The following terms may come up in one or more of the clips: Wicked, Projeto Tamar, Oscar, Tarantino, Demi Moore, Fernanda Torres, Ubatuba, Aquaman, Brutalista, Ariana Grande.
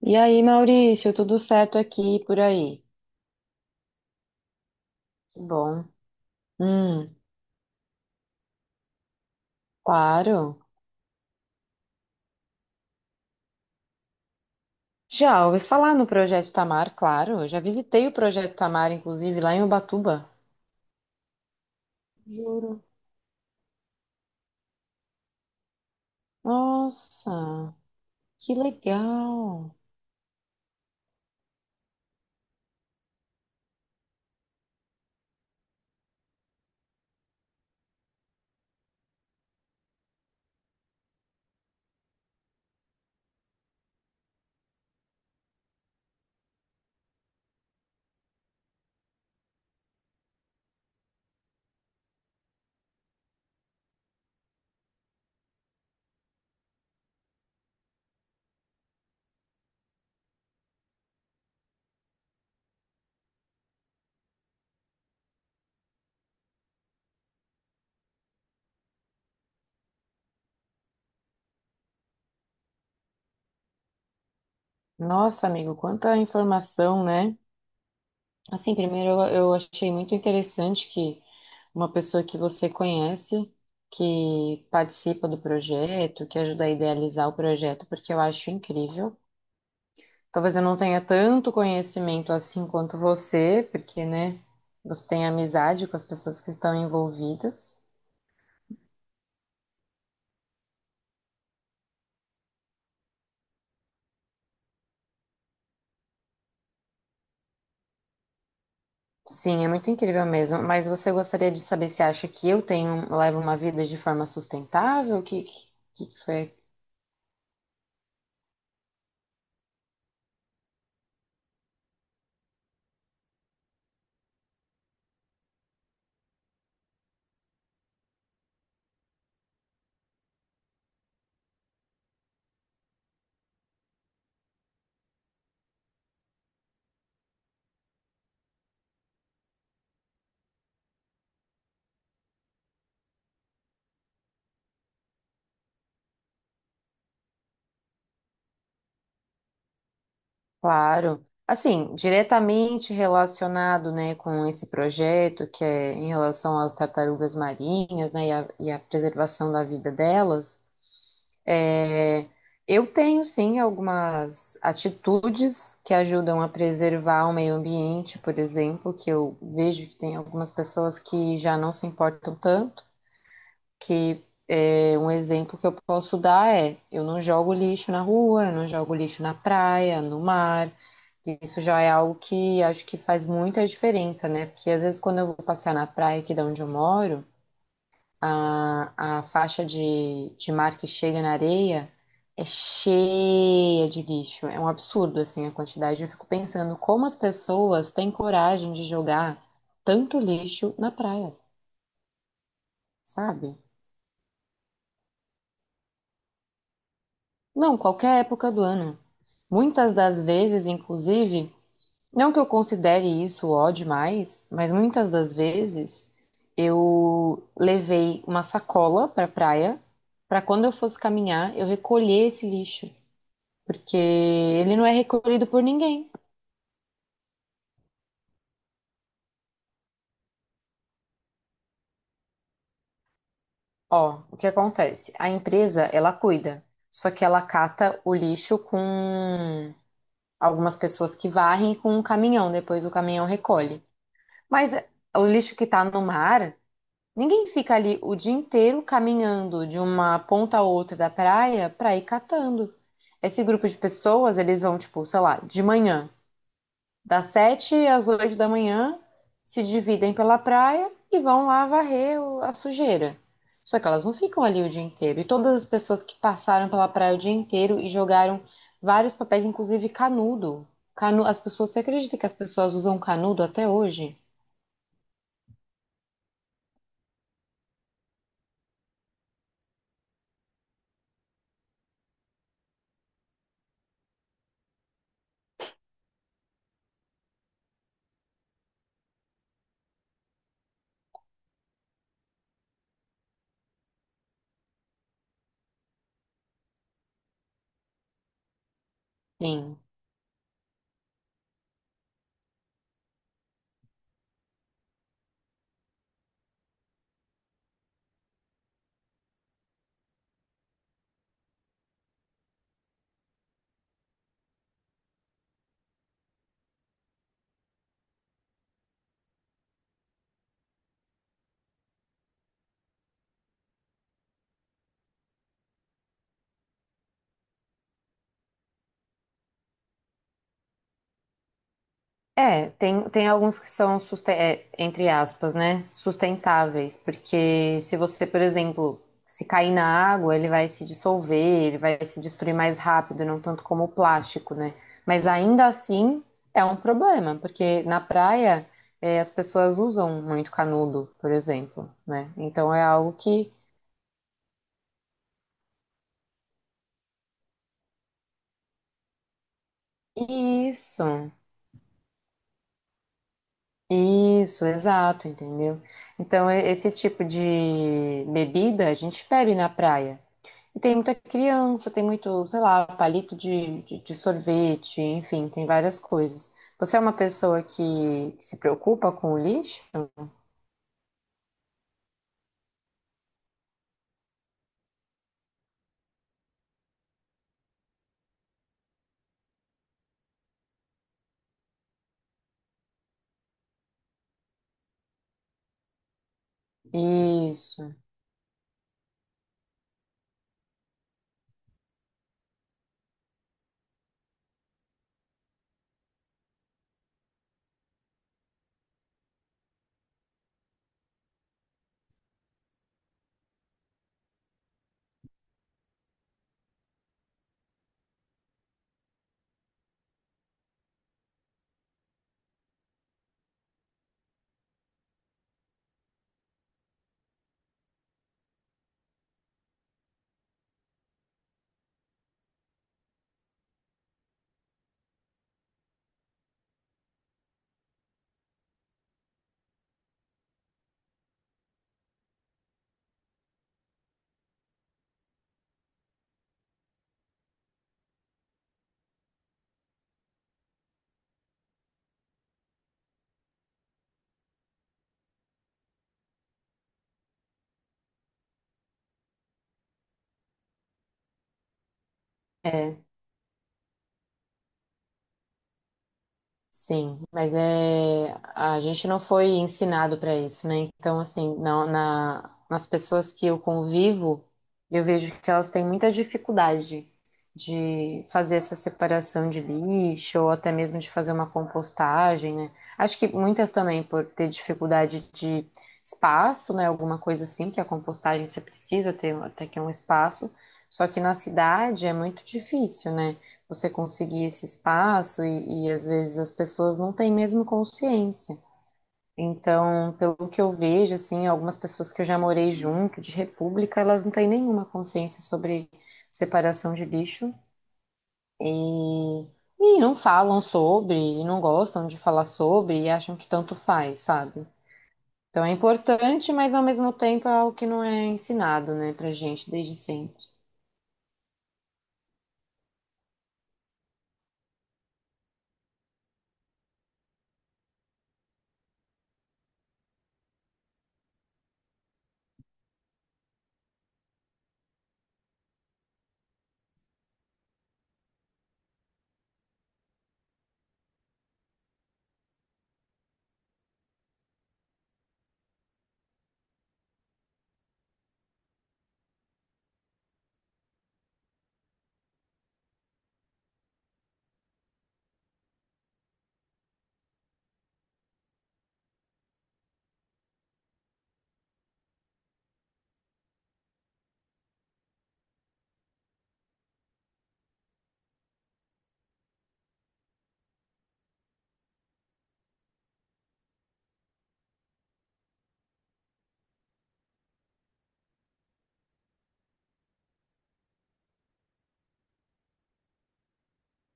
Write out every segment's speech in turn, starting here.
E aí, Maurício, tudo certo aqui e por aí? Que bom. Hum, claro. Já ouvi falar no Projeto Tamar, claro. Eu já visitei o Projeto Tamar, inclusive, lá em Ubatuba. Juro. Nossa, que legal. Nossa, amigo, quanta informação, né? Assim, primeiro eu achei muito interessante que uma pessoa que você conhece, que participa do projeto, que ajuda a idealizar o projeto, porque eu acho incrível. Talvez eu não tenha tanto conhecimento assim quanto você, porque, né, você tem amizade com as pessoas que estão envolvidas. Sim, é muito incrível mesmo. Mas você gostaria de saber se acha que eu tenho, levo uma vida de forma sustentável? Que foi? Claro. Assim, diretamente relacionado, né, com esse projeto, que é em relação às tartarugas marinhas, né, e a preservação da vida delas. É, eu tenho sim algumas atitudes que ajudam a preservar o meio ambiente, por exemplo, que eu vejo que tem algumas pessoas que já não se importam tanto, que é, um exemplo que eu posso dar é eu não jogo lixo na rua, eu não jogo lixo na praia, no mar. Isso já é algo que acho que faz muita diferença, né? Porque às vezes quando eu vou passear na praia aqui de onde eu moro, a faixa de mar que chega na areia é cheia de lixo. É um absurdo, assim, a quantidade. Eu fico pensando como as pessoas têm coragem de jogar tanto lixo na praia, sabe? Não, qualquer época do ano. Muitas das vezes, inclusive, não que eu considere isso ó demais, mas muitas das vezes eu levei uma sacola para praia para quando eu fosse caminhar eu recolher esse lixo, porque ele não é recolhido por ninguém. Ó, o que acontece? A empresa, ela cuida, só que ela cata o lixo com algumas pessoas que varrem e com um caminhão, depois o caminhão recolhe. Mas o lixo que tá no mar, ninguém fica ali o dia inteiro caminhando de uma ponta a outra da praia pra ir catando. Esse grupo de pessoas, eles vão, tipo, sei lá, de manhã. Das sete às oito da manhã, se dividem pela praia e vão lá varrer a sujeira. Só que elas não ficam ali o dia inteiro. E todas as pessoas que passaram pela praia o dia inteiro e jogaram vários papéis, inclusive canudo. As pessoas, você acredita que as pessoas usam canudo até hoje? Sim. É, tem, tem alguns que são, é, entre aspas, né, sustentáveis, porque se você, por exemplo, se cair na água, ele vai se dissolver, ele vai se destruir mais rápido, não tanto como o plástico, né? Mas ainda assim é um problema, porque na praia, é, as pessoas usam muito canudo, por exemplo, né? Então é algo que. Isso, isso, exato, entendeu? Então, esse tipo de bebida a gente bebe na praia. E tem muita criança, tem muito, sei lá, palito de sorvete, enfim, tem várias coisas. Você é uma pessoa que se preocupa com o lixo? Isso, é. Sim, mas é a gente não foi ensinado para isso, né? Então, assim, nas pessoas que eu convivo, eu vejo que elas têm muita dificuldade de fazer essa separação de lixo ou até mesmo de fazer uma compostagem, né? Acho que muitas também por ter dificuldade de espaço, né? Alguma coisa assim, que a compostagem você precisa ter até que um espaço. Só que na cidade é muito difícil, né, você conseguir esse espaço e às vezes as pessoas não têm mesmo consciência. Então, pelo que eu vejo, assim, algumas pessoas que eu já morei junto de república, elas não têm nenhuma consciência sobre separação de lixo e, e não falam sobre, e não gostam de falar sobre e acham que tanto faz, sabe? Então é importante, mas ao mesmo tempo é algo que não é ensinado, né, pra gente desde sempre.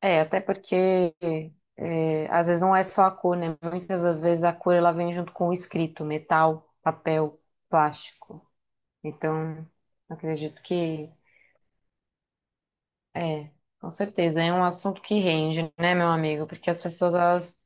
É, até porque é, às vezes não é só a cor, né? Muitas das vezes a cor ela vem junto com o escrito, metal, papel, plástico. Então, acredito que é, com certeza, é um assunto que rende, né, meu amigo? Porque as pessoas elas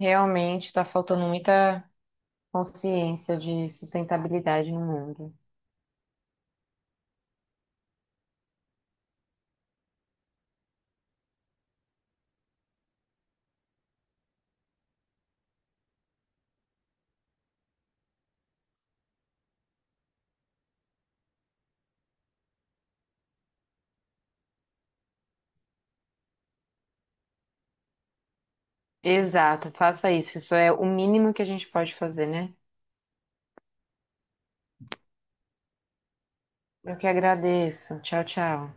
realmente está faltando muita consciência de sustentabilidade no mundo. Exato, faça isso. Isso é o mínimo que a gente pode fazer, né? Eu que agradeço. Tchau, tchau.